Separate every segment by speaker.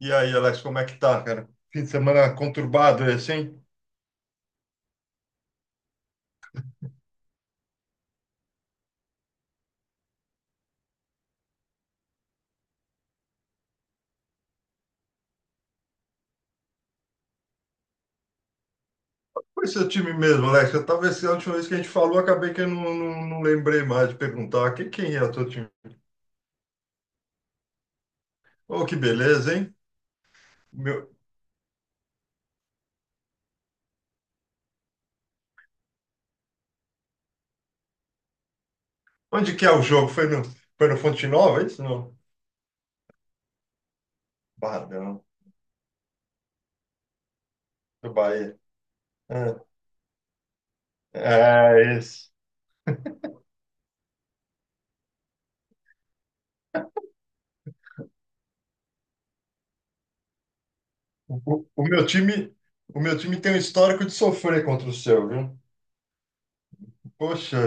Speaker 1: E aí, Alex, como é que tá, cara? Fim de semana conturbado, é assim? Foi seu time mesmo, Alex. Eu tava esse, a última vez que a gente falou, acabei que eu não lembrei mais de perguntar quem é o teu time. Oh, que beleza, hein? Meu... Onde que é o jogo? Foi no Fonte Nova, é isso? Não. Bah, do Bahia. É isso. O, o- o meu time, o meu time tem um histórico de sofrer contra o seu, viu? Poxa,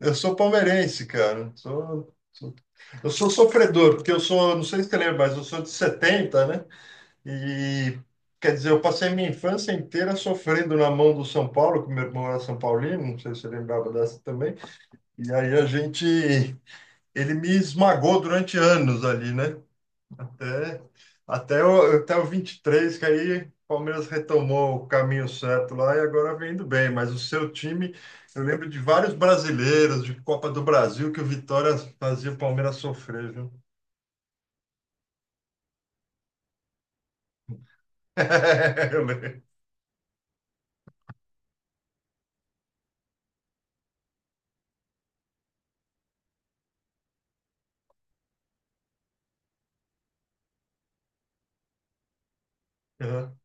Speaker 1: eu sou palmeirense, cara. Eu sou sofredor, porque eu sou, não sei se você lembra, mas eu sou de 70, né? E quer dizer, eu passei minha infância inteira sofrendo na mão do São Paulo, que meu irmão era São Paulino, não sei se você lembrava dessa também. E aí a gente, ele me esmagou durante anos ali, né? É, até o 23 que aí o Palmeiras retomou o caminho certo lá e agora vem indo bem. Mas o seu time, eu lembro de vários brasileiros de Copa do Brasil que o Vitória fazia o Palmeiras sofrer, viu? Eu lembro. Aham,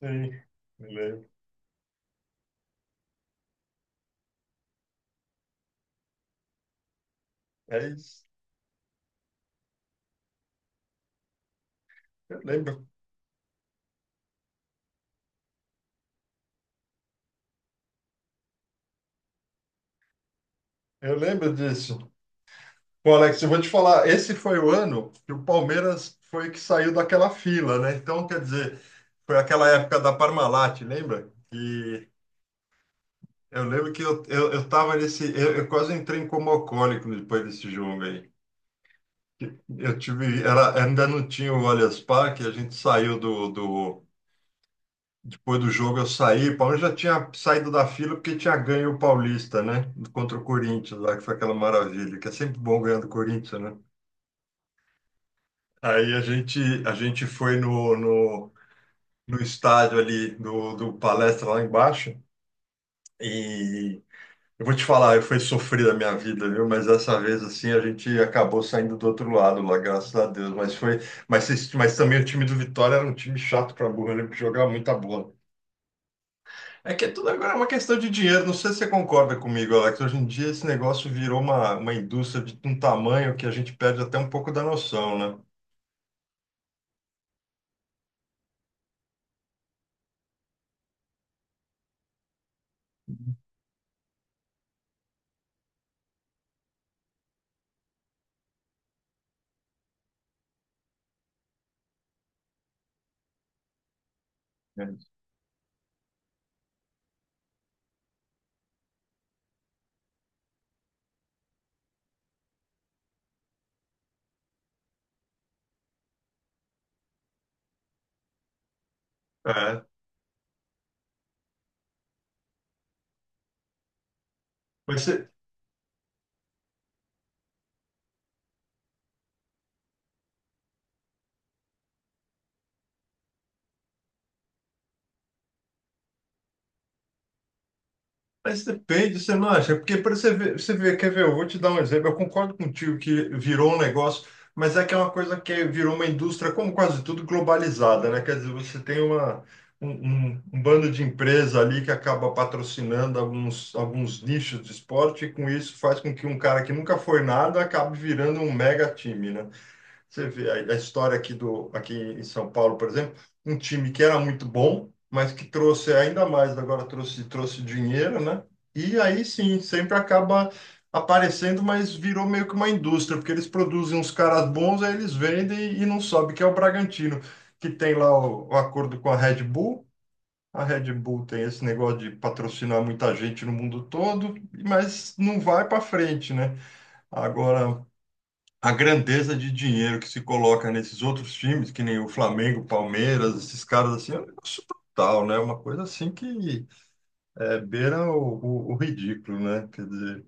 Speaker 1: sim, eu lembro. É isso. Eu lembro. Eu lembro disso. Pô, Alex, eu vou te falar, esse foi o ano que o Palmeiras foi que saiu daquela fila, né? Então, quer dizer, foi aquela época da Parmalat, lembra? Que eu lembro que eu, eu tava nesse. Eu quase entrei em coma alcoólico depois desse jogo aí. Eu tive. Era, ainda não tinha o Allianz Parque, a gente saiu do. Depois do jogo eu saí. O Palmeiras já tinha saído da fila porque tinha ganho o Paulista, né? Contra o Corinthians lá, que foi aquela maravilha, que é sempre bom ganhar do Corinthians, né? Aí a gente foi no estádio ali do Palestra lá embaixo. E eu vou te falar, foi sofrida a minha vida, viu? Mas dessa vez, assim, a gente acabou saindo do outro lado lá, graças a Deus. Mas foi, mas também o time do Vitória era um time chato pra burro, ele jogava muita bola. É que tudo agora é uma questão de dinheiro. Não sei se você concorda comigo, Alex. Hoje em dia esse negócio virou uma indústria de um tamanho que a gente perde até um pouco da noção, né? É. É. Mas você, mas depende, você não acha? Porque para você ver, quer ver, eu vou te dar um exemplo. Eu concordo contigo que virou um negócio, mas é que é uma coisa que virou uma indústria, como quase tudo, globalizada, né? Quer dizer, você tem um bando de empresa ali que acaba patrocinando alguns nichos de esporte, e com isso faz com que um cara que nunca foi nada acabe virando um mega time, né? Você vê a história aqui, aqui em São Paulo, por exemplo, um time que era muito bom, mas que trouxe ainda mais, agora trouxe dinheiro, né? E aí sim, sempre acaba aparecendo, mas virou meio que uma indústria, porque eles produzem uns caras bons, aí eles vendem e não sobe, que é o Bragantino, que tem lá o acordo com a Red Bull. A Red Bull tem esse negócio de patrocinar muita gente no mundo todo, mas não vai para frente, né? Agora, a grandeza de dinheiro que se coloca nesses outros times, que nem o Flamengo, Palmeiras, esses caras assim, é um negócio brutal, né? Uma coisa assim que é, beira o ridículo, né? Quer dizer,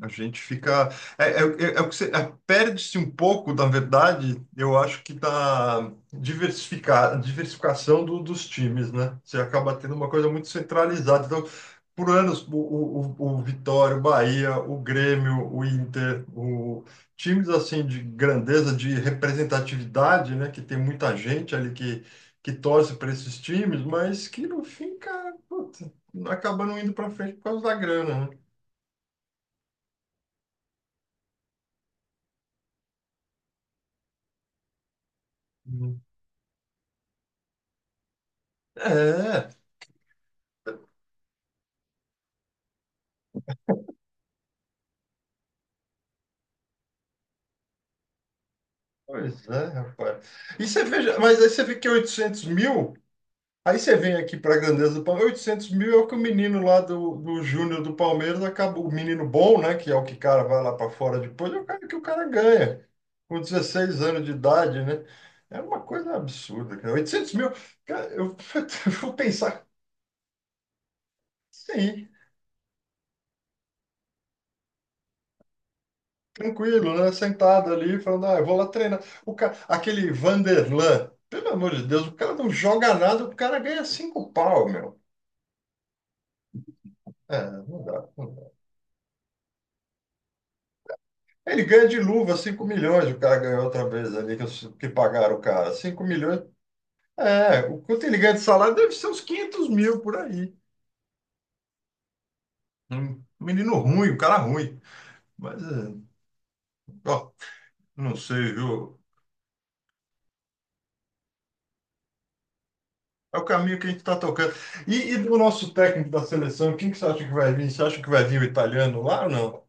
Speaker 1: a gente fica. É o que você. É, perde-se um pouco, na verdade, eu acho que da diversificar, diversificação dos times, né? Você acaba tendo uma coisa muito centralizada. Então, por anos, o Vitória, o Bahia, o Grêmio, o Inter, o, times assim de grandeza, de representatividade, né? Que tem muita gente ali que torce para esses times, mas que no fim, cara, puta, acaba não indo para frente por causa da grana, né? Uhum. É, pois é, rapaz. E você veja, mas aí você vê que é 800 mil, aí você vem aqui para a grandeza do Palmeiras, 800 mil é o que o menino lá do Júnior do Palmeiras acabou, o menino bom, né, que é o que o cara vai lá para fora depois, é o cara que o cara ganha, com 16 anos de idade, né? É uma coisa absurda, cara. 800 mil, cara, eu, eu vou pensar, sim, tranquilo, né, sentado ali, falando, ah, eu vou lá treinar. O cara, aquele Vanderlan, pelo amor de Deus, o cara não joga nada, o cara ganha cinco pau, meu. É, não dá, não dá. Ele ganha de luva 5 milhões, o cara ganhou outra vez ali, que, que pagaram o cara. 5 milhões. É, o quanto ele ganha de salário deve ser uns 500 mil por aí. Um menino ruim, um cara ruim. Mas, é, ó, não sei, viu? É o caminho que a gente está tocando. E do nosso técnico da seleção, quem que você acha que vai vir? Você acha que vai vir o italiano lá ou não?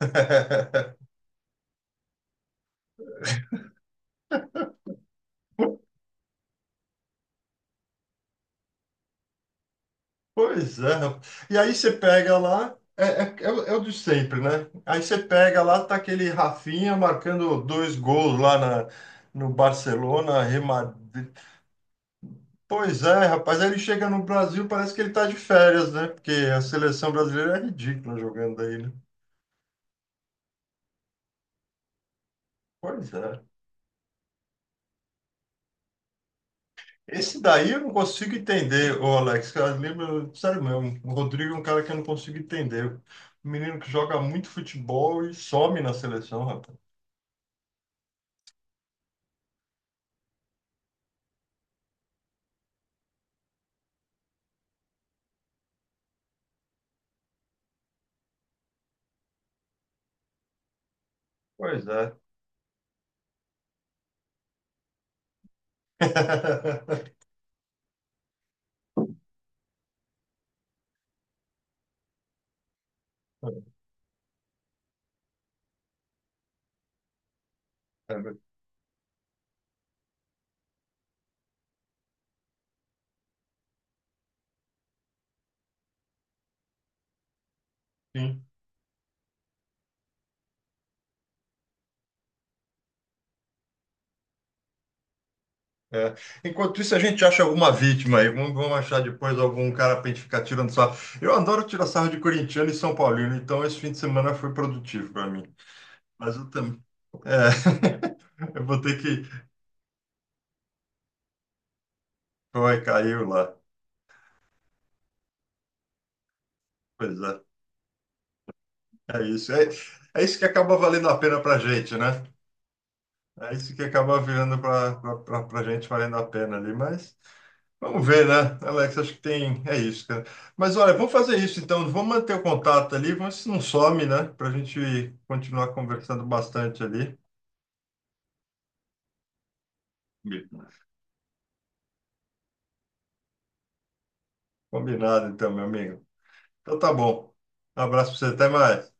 Speaker 1: Pois é, rapaz. E aí você pega lá, é o de sempre, né? Aí você pega lá, tá aquele Rafinha marcando dois gols lá no Barcelona, remad... Pois é, rapaz, aí ele chega no Brasil, parece que ele tá de férias, né? Porque a seleção brasileira é ridícula jogando aí, né? Pois é. Esse daí eu não consigo entender, ô Alex, eu lembro, sério mesmo, o Rodrigo é um cara que eu não consigo entender. Um menino que joga muito futebol e some na seleção, rapaz. Pois é. Sim, é. Enquanto isso, a gente acha alguma vítima aí. Vamos achar depois algum cara pra gente ficar tirando sarro. Eu adoro tirar sarro de corintiano e São Paulino, então esse fim de semana foi produtivo para mim. Mas eu também. É. Eu vou ter que. Foi, caiu lá. Pois é. É isso. É, é isso que acaba valendo a pena pra gente, né? É isso que acaba virando para a gente valendo a pena ali, mas vamos ver, né, Alex? Acho que tem, é isso, cara. Mas olha, vamos fazer isso então, vamos manter o contato ali, vamos ver se não some, né, para a gente continuar conversando bastante ali. Combinado, então, meu amigo. Então tá bom. Um abraço para você, até mais.